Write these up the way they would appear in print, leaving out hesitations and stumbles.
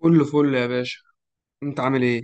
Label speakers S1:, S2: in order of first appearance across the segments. S1: كله فل يا باشا. انت عامل ايه؟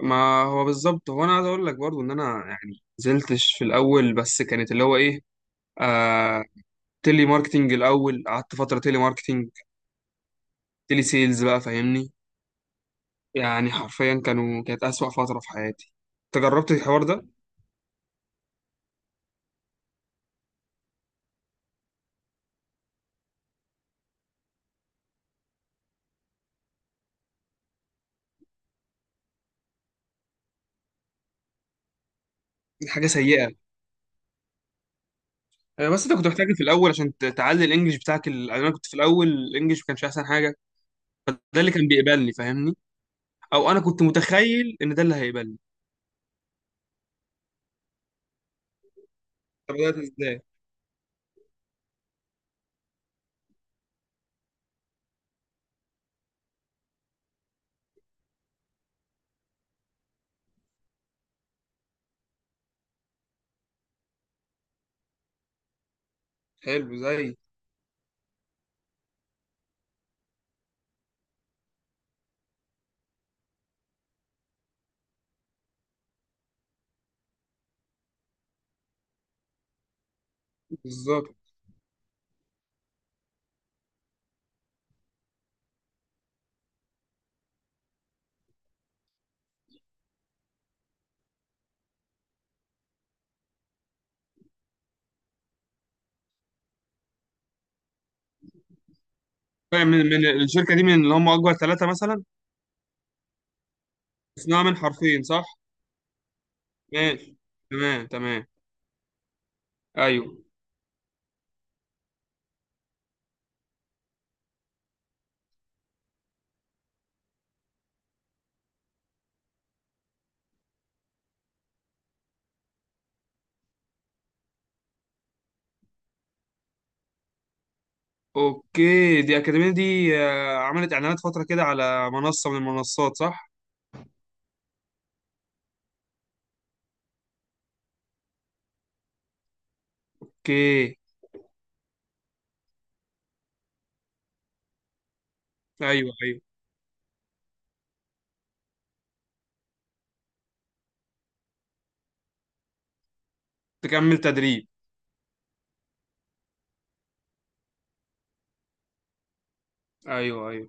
S1: ما هو بالظبط، هو انا عايز اقول لك برضو ان انا يعني نزلتش في الاول، بس كانت اللي هو ايه، آه، تيلي ماركتينج. الاول قعدت فتره تيلي ماركتينج، تيلي سيلز بقى، فاهمني. يعني حرفيا كانت اسوأ فتره في حياتي. انت جربت الحوار ده؟ دي حاجه سيئه. آه، بس انت كنت محتاج في الاول عشان تعلي الانجليش بتاعك. يعني انا كنت في الاول الانجليش ما كانش احسن حاجه. فده اللي كان بيقبلني، فاهمني، او انا كنت متخيل ان ده اللي هيقبلني. طب بدات ازاي؟ حلو، زي بالظبط. طيب، من من الشركة دي، من اللي هم أكبر ثلاثة مثلا؟ اسمها من حرفين صح؟ ماشي، تمام تمام. أيوه. أوكي، دي أكاديمية دي، عملت إعلانات فترة كده على منصة من المنصات صح؟ أوكي. أيوه أيوه. تكمل تدريب؟ أيوه أيوه.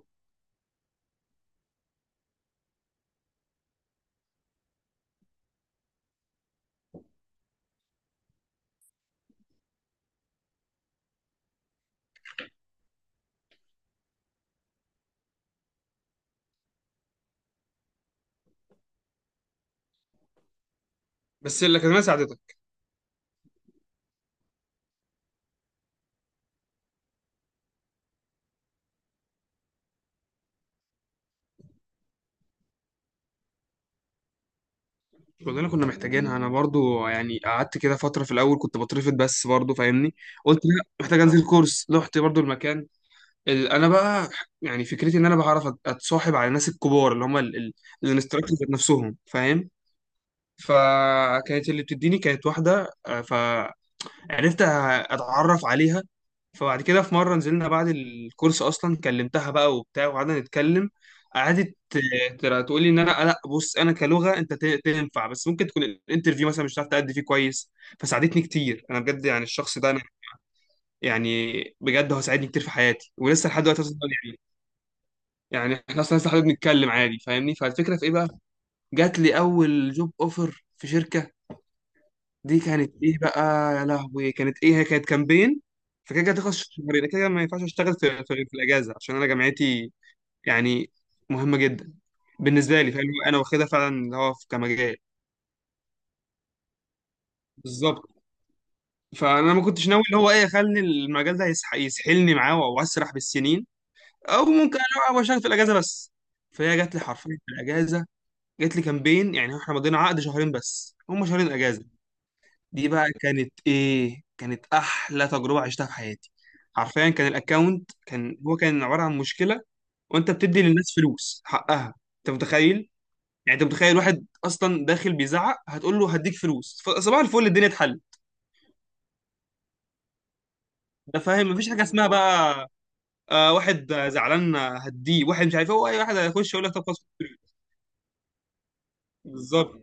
S1: بس الأكاديمية ساعدتك؟ كلنا كنا محتاجينها. أنا برضو يعني قعدت كده فترة، في الأول كنت بترفض، بس برضو فاهمني. قلت لا، محتاج أنزل كورس، رحت برضو المكان. انا بقى يعني فكرتي ان انا بعرف اتصاحب على الناس الكبار اللي هم الانستراكتورز نفسهم، فاهم. فكانت اللي بتديني كانت واحده، فعرفت أ- اتعرف عليها. فبعد كده في مره نزلنا بعد الكورس اصلا، كلمتها بقى وبتاع وقعدنا نتكلم. قعدت ترى تقول لي ان انا لا، بص انا كلغه انت تنفع، بس ممكن تكون الانترفيو مثلا مش هتعرف تأدي فيه كويس. فساعدتني كتير انا بجد، يعني الشخص ده انا يعني بجد هو ساعدني كتير في حياتي، ولسه لحد دلوقتي أصلاً يعني. يعني احنا اصلا لسه حابب نتكلم عادي، فاهمني، فالفكره في ايه بقى؟ جات لي اول جوب اوفر في شركه. دي كانت ايه بقى؟ يا لهوي كانت ايه، هي كانت كامبين. فكده كده تخلص في شهرين، كده كده ما ينفعش اشتغل في الاجازه عشان انا جامعتي يعني مهمه جدا بالنسبه لي، فاهم، انا واخدها فعلا اللي هو كمجال بالظبط. فانا ما كنتش ناوي اللي هو ايه، خلني المجال ده يسحلني معاه واسرح بالسنين، او ممكن انا اشتغل في الاجازه بس. فهي جات لي حرفيا في الاجازه، جات لي كامبين، يعني احنا مضينا عقد شهرين بس، هم شهرين اجازه. دي بقى كانت ايه، كانت احلى تجربه عشتها في حياتي. حرفيا كان الاكونت كان هو كان عباره عن مشكله. وانت بتدي للناس فلوس حقها، انت متخيل؟ يعني انت متخيل واحد اصلا داخل بيزعق هتقول له هديك فلوس، فصباح الفل الدنيا اتحل. ده فاهم، مفيش حاجه اسمها بقى. آه، واحد زعلان هديه، واحد مش عارف إيه، هو اي واحد هيخش يقول لك طب خلاص، بالظبط.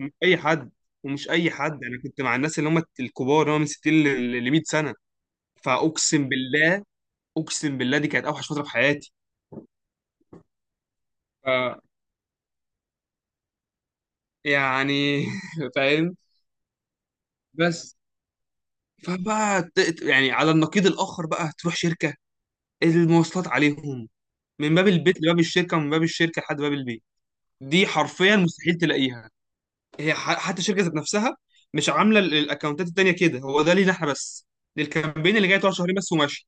S1: مش اي حد، ومش اي حد، انا كنت مع الناس اللي هم الكبار اللي هم من 60 ل 100 سنه. فاقسم بالله، اقسم بالله دي كانت اوحش فتره في حياتي. ف يعني فاهم، بس. فبقى يعني، على النقيض الاخر بقى، تروح شركه، المواصلات عليهم. من باب البيت لباب الشركه، ومن باب الشركه لحد باب البيت، دي حرفيا مستحيل تلاقيها. هي حتى الشركه ذات نفسها مش عامله الاكونتات التانيه كده، هو ده لينا احنا بس، للكامبين اللي جاي تقعد شهرين بس وماشي،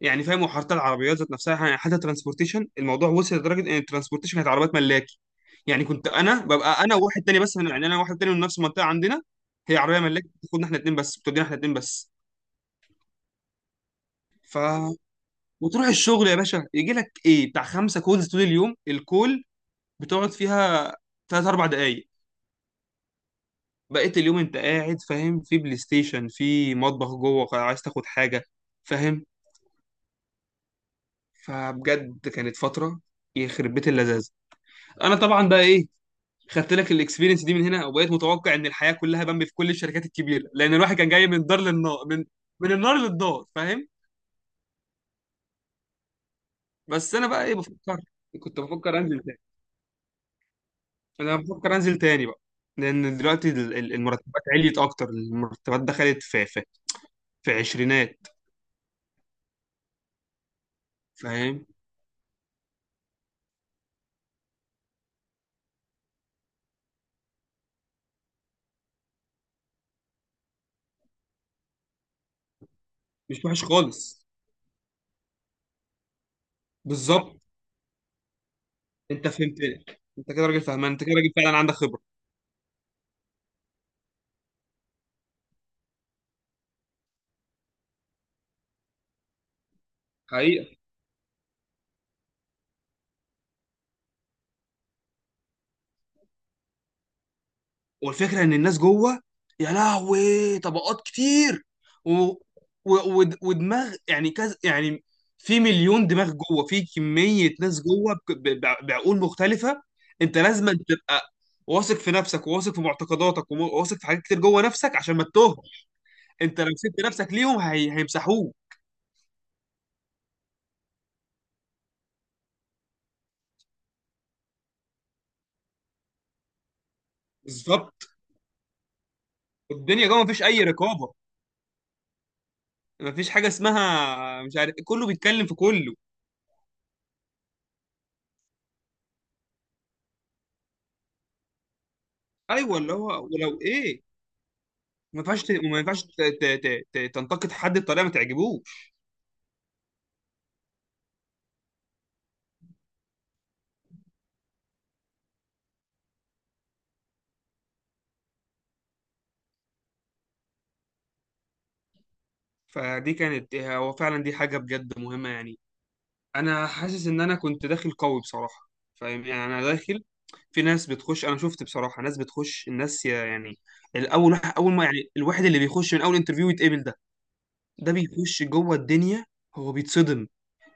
S1: يعني فاهم. وحتى العربيات ذات نفسها يعني، حتى ترانسبورتيشن الموضوع وصل لدرجه ان الترانسبورتيشن كانت عربيات ملاكي، يعني كنت انا ببقى انا وواحد تاني بس يعني، انا واحد تاني من نفس المنطقه عندنا، هي عربيه ملاكي بتاخدنا احنا اتنين بس، بتودينا احنا اتنين بس. ف وتروح الشغل يا باشا، يجي لك ايه بتاع خمسه كولز طول اليوم، الكول بتقعد فيها ثلاث اربع دقائق. بقيت اليوم انت قاعد فاهم في بلاي ستيشن، في مطبخ جوه، عايز تاخد حاجه، فاهم. فبجد كانت فتره، يخرب بيت اللذاذه. انا طبعا بقى ايه، خدت لك الاكسبيرينس دي من هنا، وبقيت متوقع ان الحياه كلها بامبي في كل الشركات الكبيره، لان الواحد كان جاي من دار للنار، من النار للدار، فاهم. بس انا بقى ايه بفكر، كنت بفكر انزل تاني، انا بفكر انزل تاني بقى، لان دلوقتي المرتبات عليت اكتر، المرتبات دخلت في عشرينات، فاهم. مش وحش خالص، بالظبط، انت فهمتني. انت كده راجل فهمان، انت كده راجل فعلا عندك خبره، حقيقي. والفكره ان الناس جوه يا لهوي طبقات كتير. و... و... ودماغ يعني كذا يعني، في مليون دماغ جوه، في كميه ناس جوه بعقول مختلفه. انت لازم تبقى واثق في نفسك، وواثق في معتقداتك، وواثق في حاجات كتير جوه نفسك عشان ما تتوه. انت لو سبت نفسك ليهم، هيمسحوك. بالظبط، الدنيا جوه مفيش اي رقابه، مفيش حاجه اسمها مش عارف، كله بيتكلم في كله. ايوه اللي هو، ولو ايه، ما ينفعش وما ينفعش تنتقد حد بطريقه ما تعجبوش. فدي كانت هو فعلا، دي حاجه بجد مهمه يعني، انا حاسس ان انا كنت داخل قوي بصراحه، فاهم يعني انا داخل. في ناس بتخش، انا شفت بصراحه ناس بتخش الناس يعني، الاول واحد اول ما يعني الواحد اللي بيخش من اول انترفيو يتقبل ده، ده بيخش جوه الدنيا، هو بيتصدم،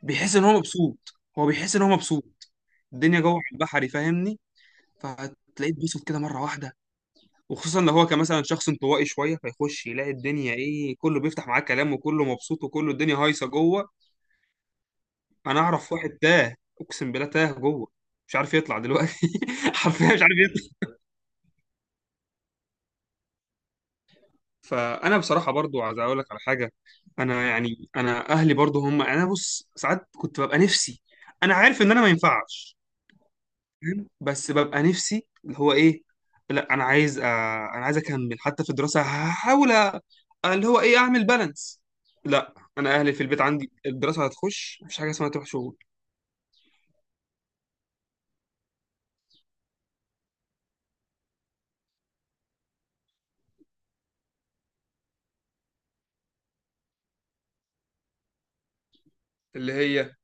S1: بيحس ان هو مبسوط، هو بيحس ان هو مبسوط. الدنيا جوه على البحري، فاهمني، فهتلاقيه اتبسط كده مره واحده، وخصوصا لو هو كان مثلا شخص انطوائي شويه، فيخش يلاقي الدنيا ايه، كله بيفتح معاه كلام، وكله مبسوط، وكله الدنيا هايصه جوه. انا اعرف واحد تاه، اقسم بالله تاه جوه، مش عارف يطلع دلوقتي، حرفيا مش عارف يطلع. فانا بصراحه برضو عايز اقول لك على حاجه، انا يعني انا اهلي برضو هم، انا بص ساعات كنت ببقى نفسي، انا عارف ان انا ما ينفعش، فاهم، بس ببقى نفسي اللي هو ايه، لا انا عايز، انا عايز اكمل حتى في الدراسه، هحاول اللي هو ايه اعمل بالانس. لا، انا اهلي في البيت عندي الدراسه هتخش، مفيش حاجه اسمها تروح شغل. اللي هي،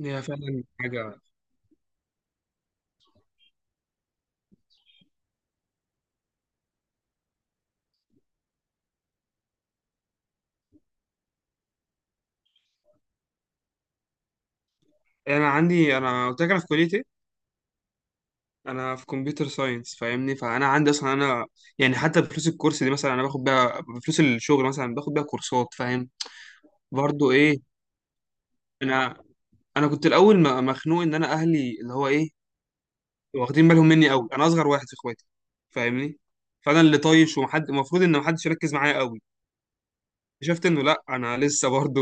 S1: هي فعلا حاجه. انا عندي، انا قلت لك انا في كليه ايه، انا في كمبيوتر ساينس، فاهمني، فانا عندي اصلا انا يعني حتى بفلوس الكورس دي مثلا، انا باخد بيها بفلوس الشغل مثلا باخد بيها كورسات، فاهم. برضو ايه، انا انا كنت الاول مخنوق ان انا اهلي اللي هو ايه واخدين بالهم مني قوي. انا اصغر واحد في اخواتي، فاهمني، فانا اللي طايش ومحد المفروض ان محدش يركز معايا قوي. اكتشفت انه لا، انا لسه برضو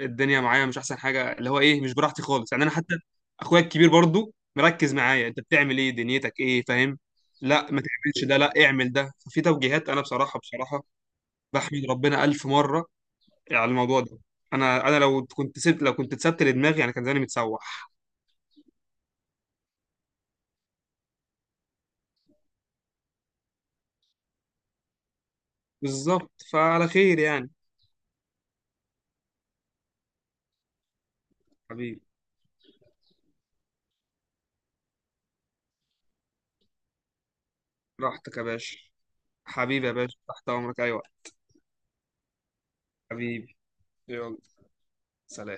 S1: الدنيا معايا مش احسن حاجه، اللي هو ايه مش براحتي خالص يعني، انا حتى اخويا الكبير برضو مركز معايا، انت بتعمل ايه، دنيتك ايه، فاهم. لا ما تعملش ده، لا اعمل ده، ففي توجيهات، انا بصراحه بصراحه بحمد ربنا الف مره على الموضوع ده. انا لو كنت سبت، لو كنت اتسبت لدماغي يعني كان زماني متسوح. بالظبط، فعلى خير يعني. حبيبي. راحتك يا باشا. حبيبي يا باشا، تحت امرك اي وقت. حبيبي. يلا. سلام.